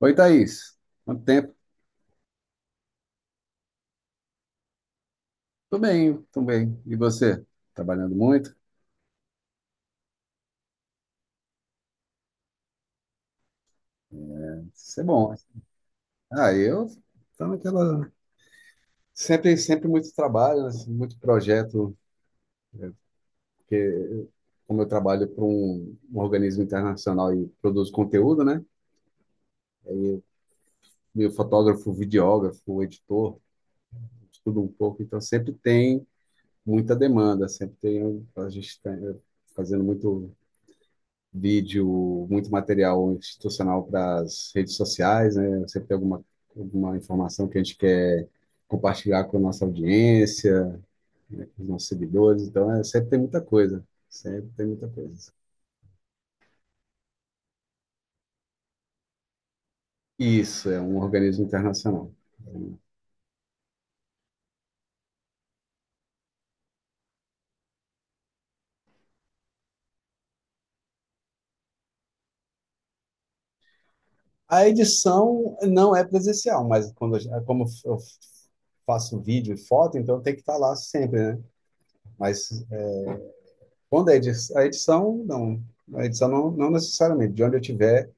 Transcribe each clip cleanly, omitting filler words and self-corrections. Oi, Thaís. Quanto tempo? Tô bem, tô bem. E você? Trabalhando muito? Isso é bom. Ah, eu tô naquela... Sempre muito trabalho, né? Muito projeto, porque como eu trabalho para um organismo internacional e produzo conteúdo, né? Meu fotógrafo, videógrafo, editor, estudo um pouco, então sempre tem muita demanda, sempre tem... A gente tá fazendo muito vídeo, muito material institucional para as redes sociais, né? Sempre tem alguma informação que a gente quer compartilhar com a nossa audiência, com os nossos seguidores. Então, é, sempre tem muita coisa. Sempre tem muita coisa. Isso, é um organismo internacional. A edição não é presencial, mas como eu faço vídeo e foto, então tem que estar lá sempre, né? Mas quando a edição, não necessariamente, de onde eu tiver.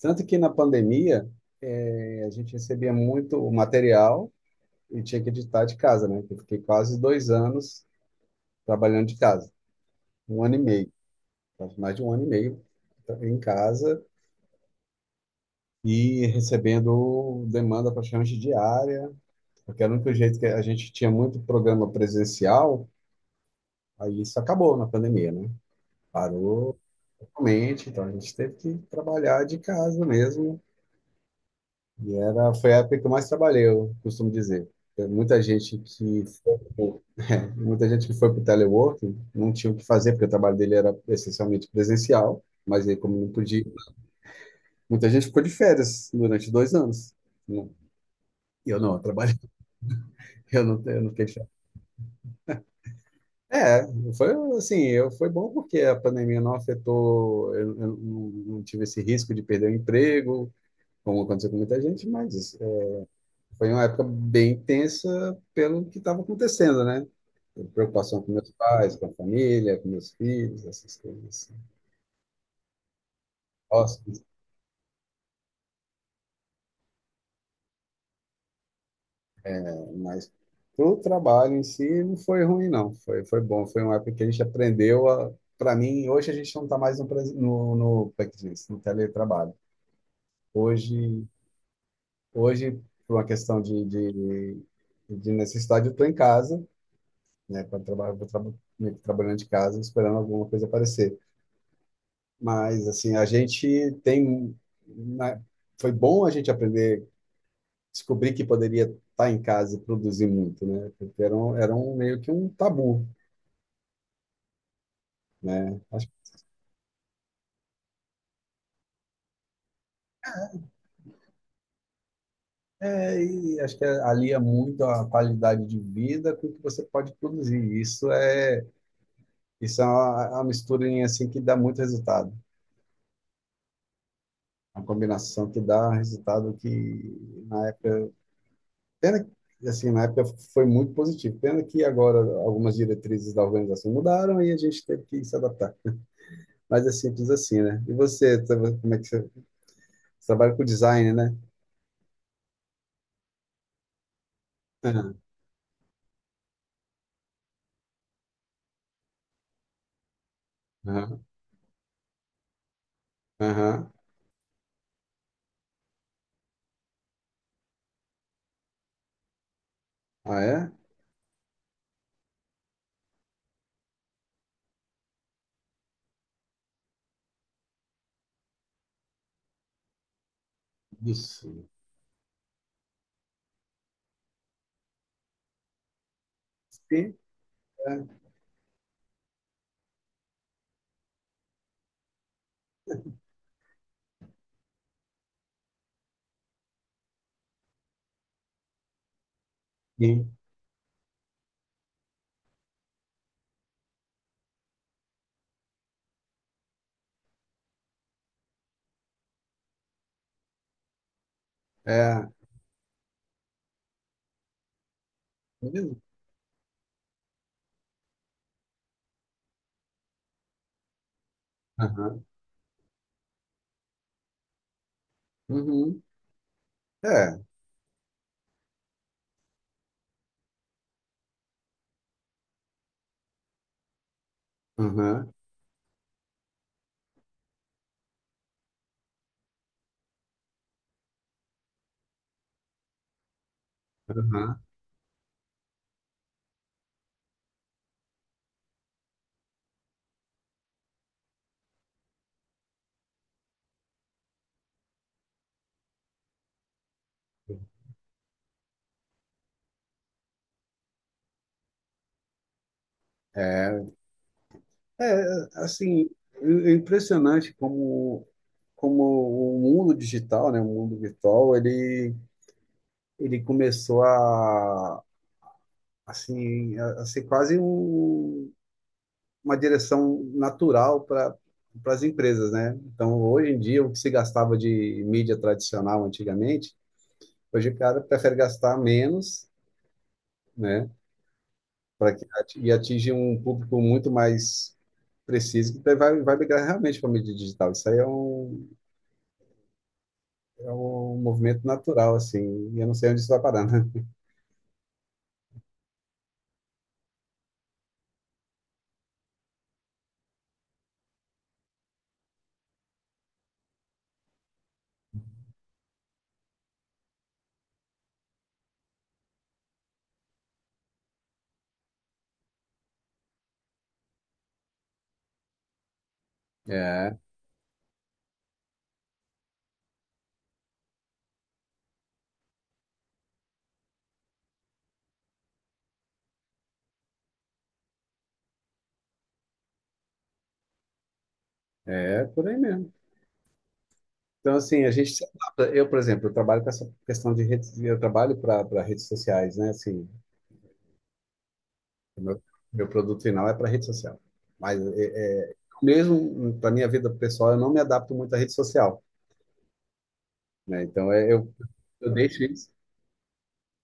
Tanto que na pandemia, a gente recebia muito material e tinha que editar de casa, né? Eu fiquei quase dois anos trabalhando de casa, um ano e meio, quase mais de um ano e meio em casa e recebendo demanda praticamente diária, porque era o único jeito que a gente tinha muito programa presencial, aí isso acabou na pandemia, né? Parou. Realmente, então a gente teve que trabalhar de casa mesmo. Foi a época que eu mais trabalhei, eu costumo dizer. Tem muita gente que foi, pro- Muita gente que foi para o teleworking não tinha o que fazer, porque o trabalho dele era essencialmente presencial, mas aí como não podia, muita gente ficou de férias durante dois anos. Não, eu trabalhei. Eu eu não fiquei de férias. É, foi assim, foi bom porque a pandemia não afetou, eu não tive esse risco de perder o emprego, como aconteceu com muita gente. Mas foi uma época bem tensa pelo que estava acontecendo, né? Preocupação com meus pais, com a família, com meus filhos, essas coisas assim. Hóspedes, né? Mas o trabalho em si não foi ruim, não. Foi, foi bom. Foi uma época que a gente aprendeu a. Para mim, hoje a gente não está mais no, como é que diz? No teletrabalho. Hoje, hoje, por uma questão de necessidade, eu estou em casa, né? Para trabalhar, meio que trabalhando de casa, esperando alguma coisa aparecer. Mas, assim, a gente tem. Né, foi bom a gente aprender, descobrir que poderia estar em casa e produzir muito, né? Porque era um meio que um tabu, né? Acho, é, e acho que alia muito a qualidade de vida com o que você pode produzir. Isso é é uma misturinha assim que dá muito resultado. Uma combinação que dá resultado que na época. Pena que, assim, na época foi muito positivo. Pena que agora algumas diretrizes da organização mudaram e a gente teve que se adaptar. Mas é simples assim, né? E você, tra- como é que você, você trabalha com design, né? Aham, aham, aham. Ah, é? Isso. Sim, é. Sim, é. Mesmo? Aham, uhum. É, aham, aham. É, é, assim, é impressionante como o mundo digital, né, o mundo virtual, ele começou a assim a ser quase um, uma direção natural para as empresas, né? Então, hoje em dia, o que se gastava de mídia tradicional antigamente, hoje o cara prefere gastar menos, né? E atinge um público muito mais preciso que daí vai migrar realmente para a mídia digital. Isso aí é um movimento natural, assim, e eu não sei onde isso vai parar, né? É, é por aí mesmo. Então, assim, a gente se adapta. Eu, por exemplo, eu trabalho com essa questão de redes, eu trabalho para redes sociais, né? Assim, o meu, meu produto final é para rede social. Mas mesmo para minha vida pessoal, eu não me adapto muito à rede social, né? Então, é, eu deixo isso.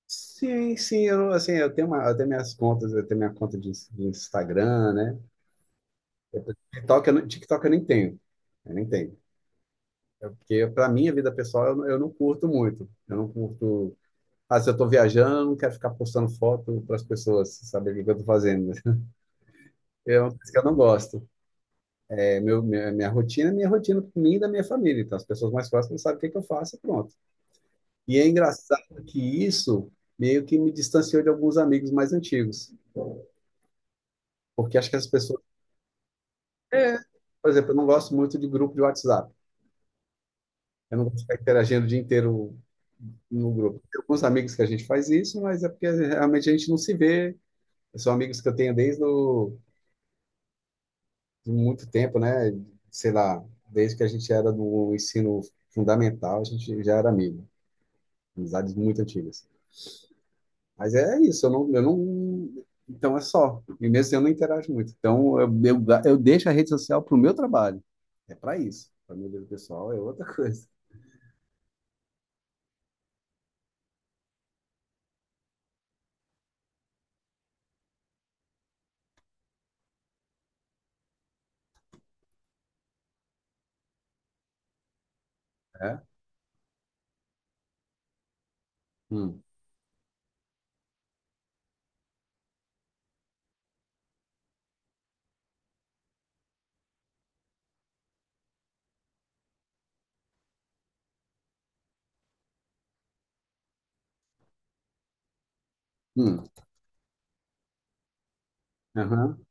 Sim, sim, eu, assim, eu tenho minhas contas, eu tenho minha conta de Instagram, né? TikTok eu nem tenho, eu nem tenho. É porque para minha vida pessoal eu não curto muito. Eu não curto. Ah, se eu estou viajando, eu não quero ficar postando foto para as pessoas saberem o que eu estou fazendo, né? É uma coisa que eu não gosto. É minha rotina é minha rotina para mim e da minha família. Então, as pessoas mais próximas sabem que eu faço e pronto. E é engraçado que isso meio que me distanciou de alguns amigos mais antigos. Porque acho que as pessoas... Por exemplo, eu não gosto muito de grupo de WhatsApp. Eu não gosto de ficar interagindo o dia inteiro no grupo. Tem alguns amigos que a gente faz isso, mas é porque realmente a gente não se vê. São amigos que eu tenho desde o de muito tempo, né? Sei lá, desde que a gente era do ensino fundamental, a gente já era amigo, amizades muito antigas. Mas é isso, eu não, então é só. E mesmo assim, eu não interajo muito. Então eu deixo a rede social para o meu trabalho. É para isso. Para minha vida pessoal é outra coisa. É? Hum. Hum. Aham.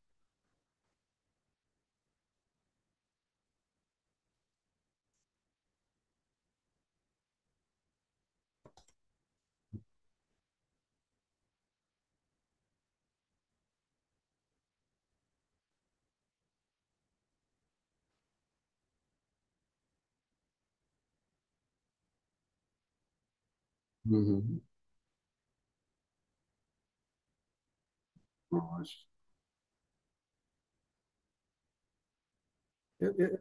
Uhum. Lógico. Eu- eu-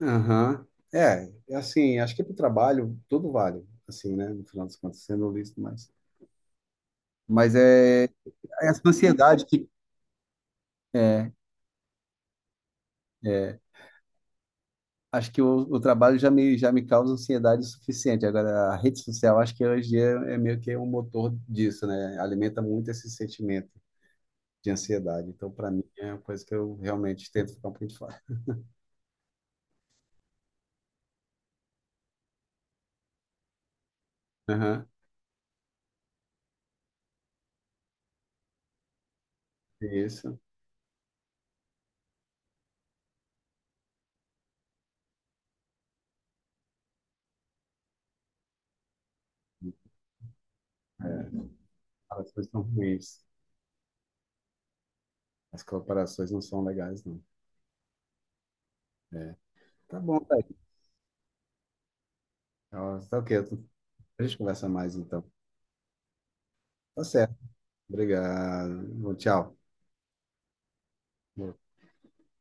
Aham. É, é assim, acho que para o trabalho tudo vale, assim, né? No final das contas, sendo lícito, mas é, é essa ansiedade que é, é. Acho que o trabalho já já me causa ansiedade o suficiente. Agora, a rede social, acho que hoje em dia é meio que um motor disso, né? Alimenta muito esse sentimento de ansiedade. Então, para mim, é uma coisa que eu realmente tento ficar um pouquinho de fora. Aham, isso. As coisas são ruins. As colaborações não são legais, não. É. Tá bom, tá aí. Tá ok. A gente conversa mais, então. Tá certo. Obrigado. Bom, tchau.